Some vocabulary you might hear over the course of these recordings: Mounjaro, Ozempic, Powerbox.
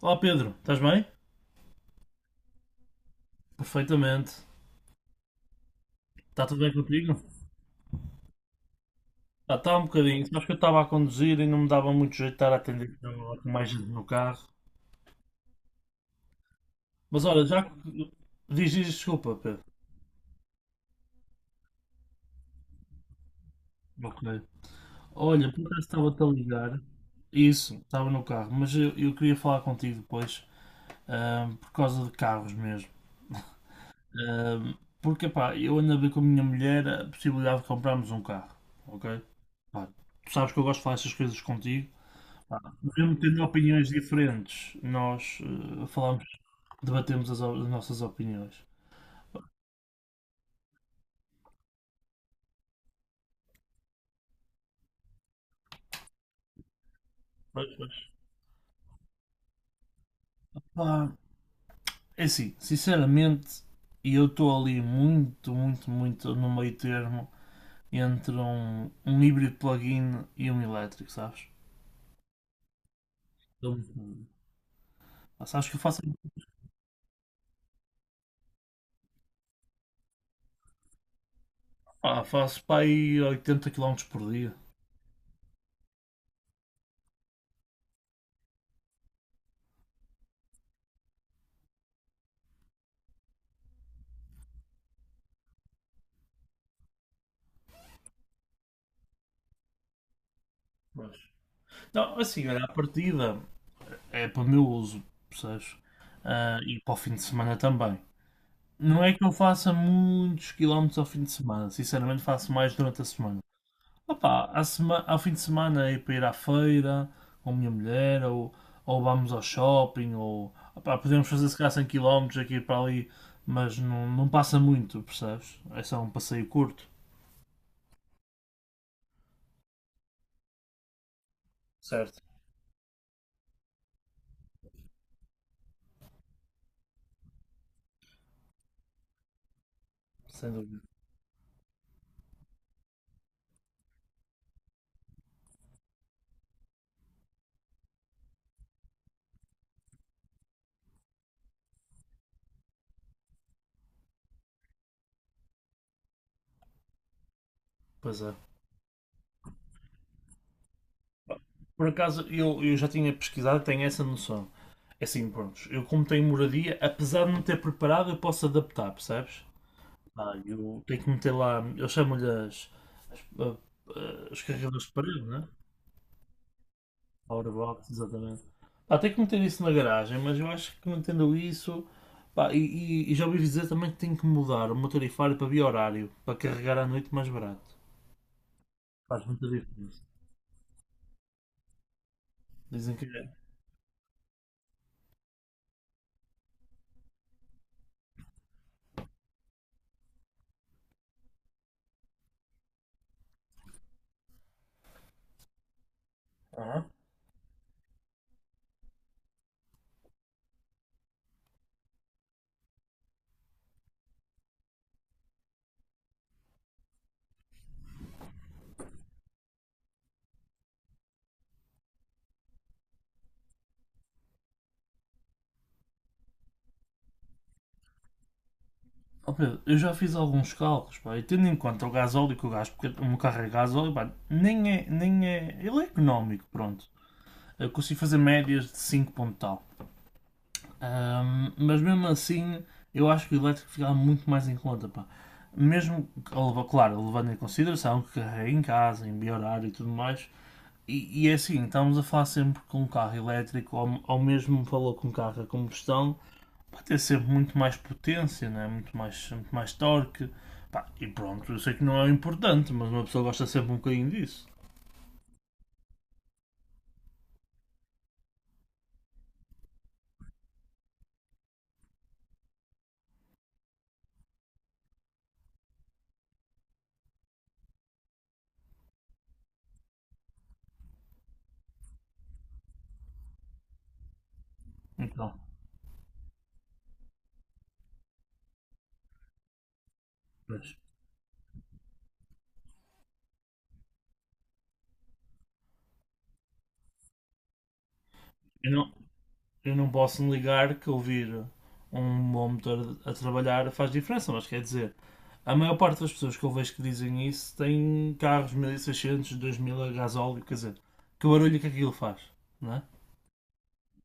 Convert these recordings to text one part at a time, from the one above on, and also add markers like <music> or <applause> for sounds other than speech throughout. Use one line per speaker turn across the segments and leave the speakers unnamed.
Olá Pedro, estás bem? Perfeitamente. Está tudo bem contigo? Ah, está um bocadinho. Acho que eu estava a conduzir e não me dava muito jeito de estar a atender com mais gente no carro. Mas olha, já que. Diz, desculpa, Pedro. Ok. Olha, por acaso estava-te a ligar. Isso, estava no carro, mas eu queria falar contigo depois, por causa de carros mesmo. Ahm, Porque, pá, eu ando a ver com a minha mulher a possibilidade de comprarmos um carro, ok? Pá, tu sabes que eu gosto de falar essas coisas contigo. Mesmo tendo opiniões diferentes, nós falamos, debatemos as nossas opiniões. Pois, pois. Pá, é assim, sinceramente, e eu estou ali muito, muito, muito no meio termo entre um híbrido plug-in e um elétrico, sabes? Então, sabes que eu faço, pá, faço para aí 80 quilómetros por dia. Pois. Não, assim, olha, a partida é para o meu uso, percebes? Ah, e para o fim de semana também. Não é que eu faça muitos quilómetros ao fim de semana, sinceramente faço mais durante a semana. Opa, a sema- ao fim de semana é para ir à feira com a minha mulher, ou vamos ao shopping, ou opá, podemos fazer se calhar 100 quilómetros aqui para ali, mas não, não passa muito, percebes? É só um passeio curto. Certo, sem dúvida. Pois é. Por acaso eu já tinha pesquisado, e tenho essa noção. É assim, pronto, eu como tenho moradia, apesar de não ter preparado, eu posso adaptar, percebes? Pá, eu tenho que meter lá, eu chamo-lhe as- a- os carregadores de parede, né? Powerbox, exatamente. Pá, tenho que meter isso na garagem, mas eu acho que mantendo isso, pá, e, e já ouvi dizer também que tenho que mudar o meu tarifário para bi-horário, para carregar à noite mais barato. Faz muita diferença. Dizem que é. Aham. Ó Pedro, eu já fiz alguns cálculos, pá, e tendo em conta o gasóleo que eu gasto, porque o meu carro é gasóleo, pá, nem é, ele é económico, pronto. Eu consigo fazer médias de 5 ponto tal. Mas mesmo assim, eu acho que o elétrico ficava muito mais em conta, pá. Mesmo, que- claro, levando em consideração que carrega em casa, em horário e tudo mais. E é assim, estamos a falar sempre com um carro elétrico, ou mesmo falou com um carro a combustão, vai ter sempre muito mais potência, né? Muito, mais, muito mais torque. Pá, e pronto, eu sei que não é importante, mas uma pessoa gosta sempre um bocadinho disso. Então, pois. Eu não, eu não posso negar que ouvir um bom motor a trabalhar faz diferença, mas quer dizer, a maior parte das pessoas que eu vejo que dizem isso têm carros 1600, 2000 a gasóleo, quer dizer, que barulho que aquilo faz, não é?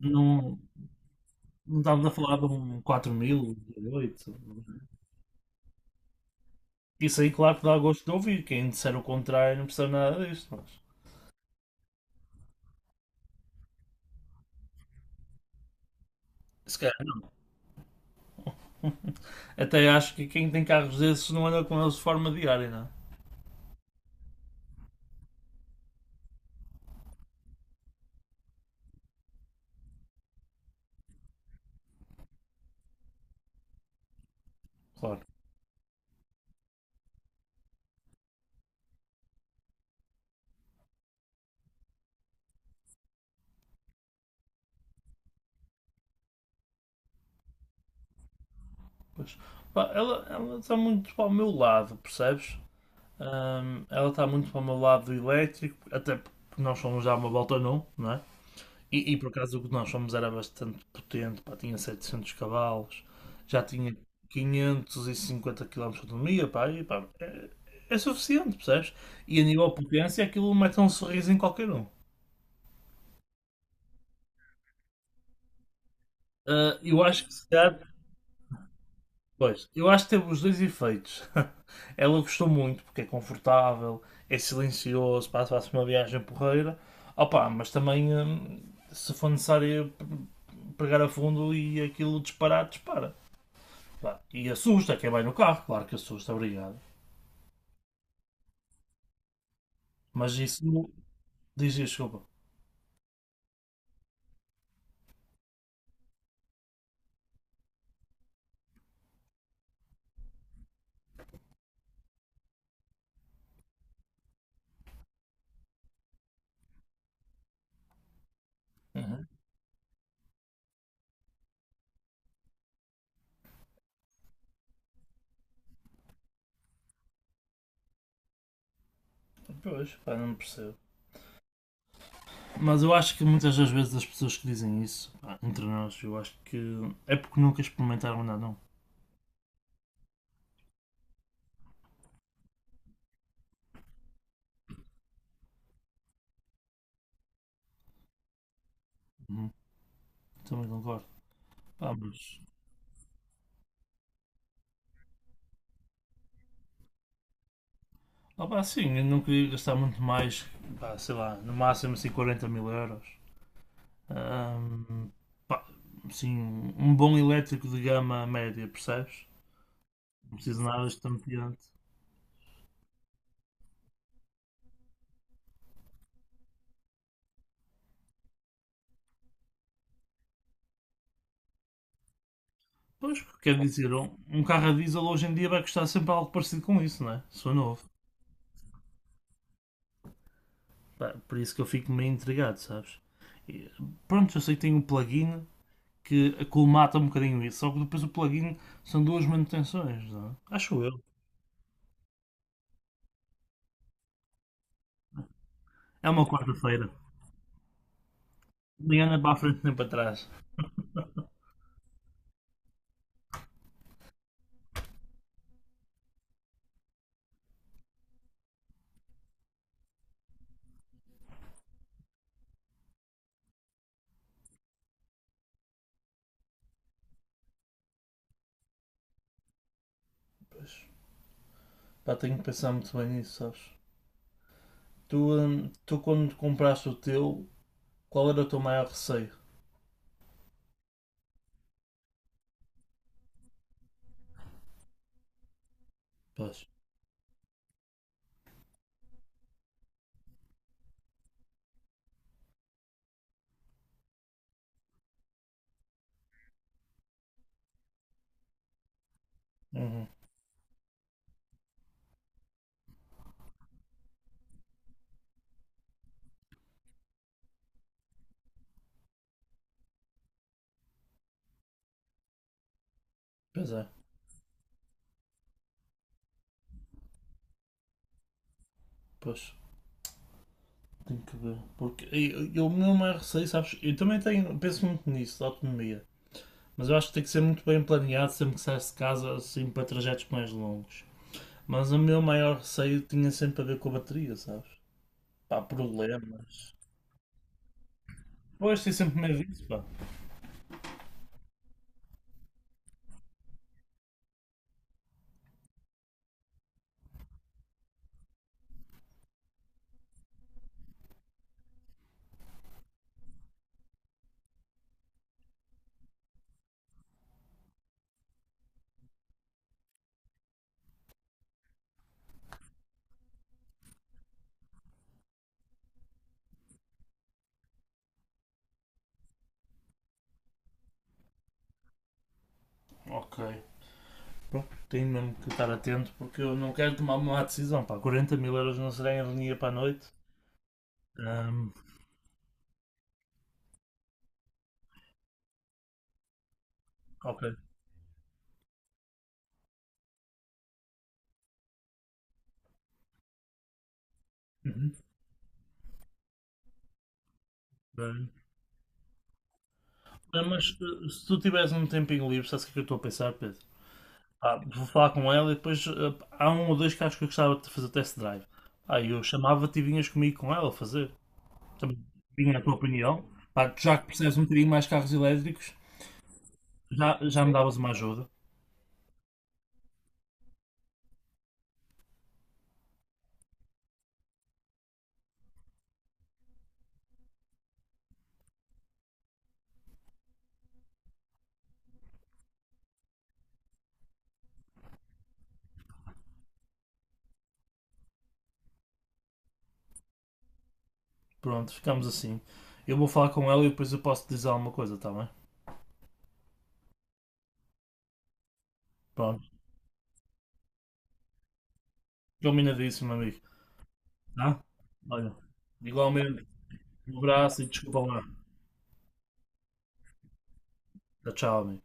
Não, não estávamos a falar de um 4000, um 2008. Isso aí, claro que dá gosto de ouvir, quem disser o contrário não percebe nada disto, mas se calhar não. Até acho que quem tem carros desses não anda com eles de forma diária, não é? Claro. Pois. Pá, ela está muito para o meu lado, percebes? Ela está muito para o meu lado do elétrico, até porque nós somos já uma volta num, não é? E por acaso o que nós fomos era bastante potente, pá, tinha 700 cavalos, já tinha 550 quilómetros de autonomia, pá, e pá, é, é suficiente, percebes? E a nível de potência aquilo mete um sorriso em qualquer um. Ah, eu acho que se calhar pois, eu acho que teve os dois efeitos. <laughs> Ela gostou muito porque é confortável, é silencioso, passa se uma viagem porreira. Opa, mas também se for necessário pegar a fundo e aquilo disparar, dispara. Pá, e assusta quem vai no carro, claro que assusta, obrigado. Mas isso não- diz desculpa. Uhum. Pois, pá, não percebo. Mas eu acho que muitas das vezes as pessoas que dizem isso, pá, entre nós, eu acho que é porque nunca experimentaram nada, não. Uhum. Também concordo. Pá, mas ah, pá, sim, eu não queria gastar muito mais, pá, sei lá, no máximo assim 40 mil euros. Ahm, Pá, sim, um bom elétrico de gama média, percebes? Não preciso de nada estonteante. Pois, quer dizer, um carro a diesel hoje em dia vai custar sempre algo parecido com isso, não é? Se for novo. Pá, por isso que eu fico meio intrigado, sabes? E, pronto, eu sei que tem um plugin que acolmata um bocadinho isso, só que depois o plugin são duas manutenções, não é? Acho eu. É uma quarta-feira. Nem anda para a frente nem para trás. Pá, tenho que pensar muito bem nisso, sabes? Tu, tu quando compraste o teu, qual era o teu maior receio? Pois. Uhum. Pois é, pois. Tenho que ver. Porque eu- o meu maior receio, sabes? Eu também tenho, penso muito nisso, da autonomia. Mas eu acho que tem que ser muito bem planeado sempre que saísse de casa, assim, para trajetos mais longos. Mas o meu maior receio tinha sempre a ver com a bateria, sabes? Pá, problemas. Pois, tenho sempre medo disso, pá. Ok. Pronto, tenho mesmo que estar atento porque eu não quero tomar uma má decisão. Pá. 40 mil euros não será em linha para a noite. Ahm, ok. Uhum, bem. Ah, mas eh, se tu tivesse um tempinho livre, sabes o que é que eu estou a pensar, Pedro? Pá, vou falar com ela e depois eh, há um ou dois carros que eu gostava de fazer test drive. Ah, eu chamava-te e vinhas comigo com ela fazer. Também tinha a tua opinião. Pá, já que percebes um bocadinho mais carros elétricos, já me davas uma ajuda. Pronto, ficamos assim. Eu vou falar com ela e depois eu posso te dizer alguma coisa, tá bem? Pronto. Combinadíssimo, amigo. Tá? Olha, igualmente, um abraço e desculpa lá. Tchau, tchau, amigo.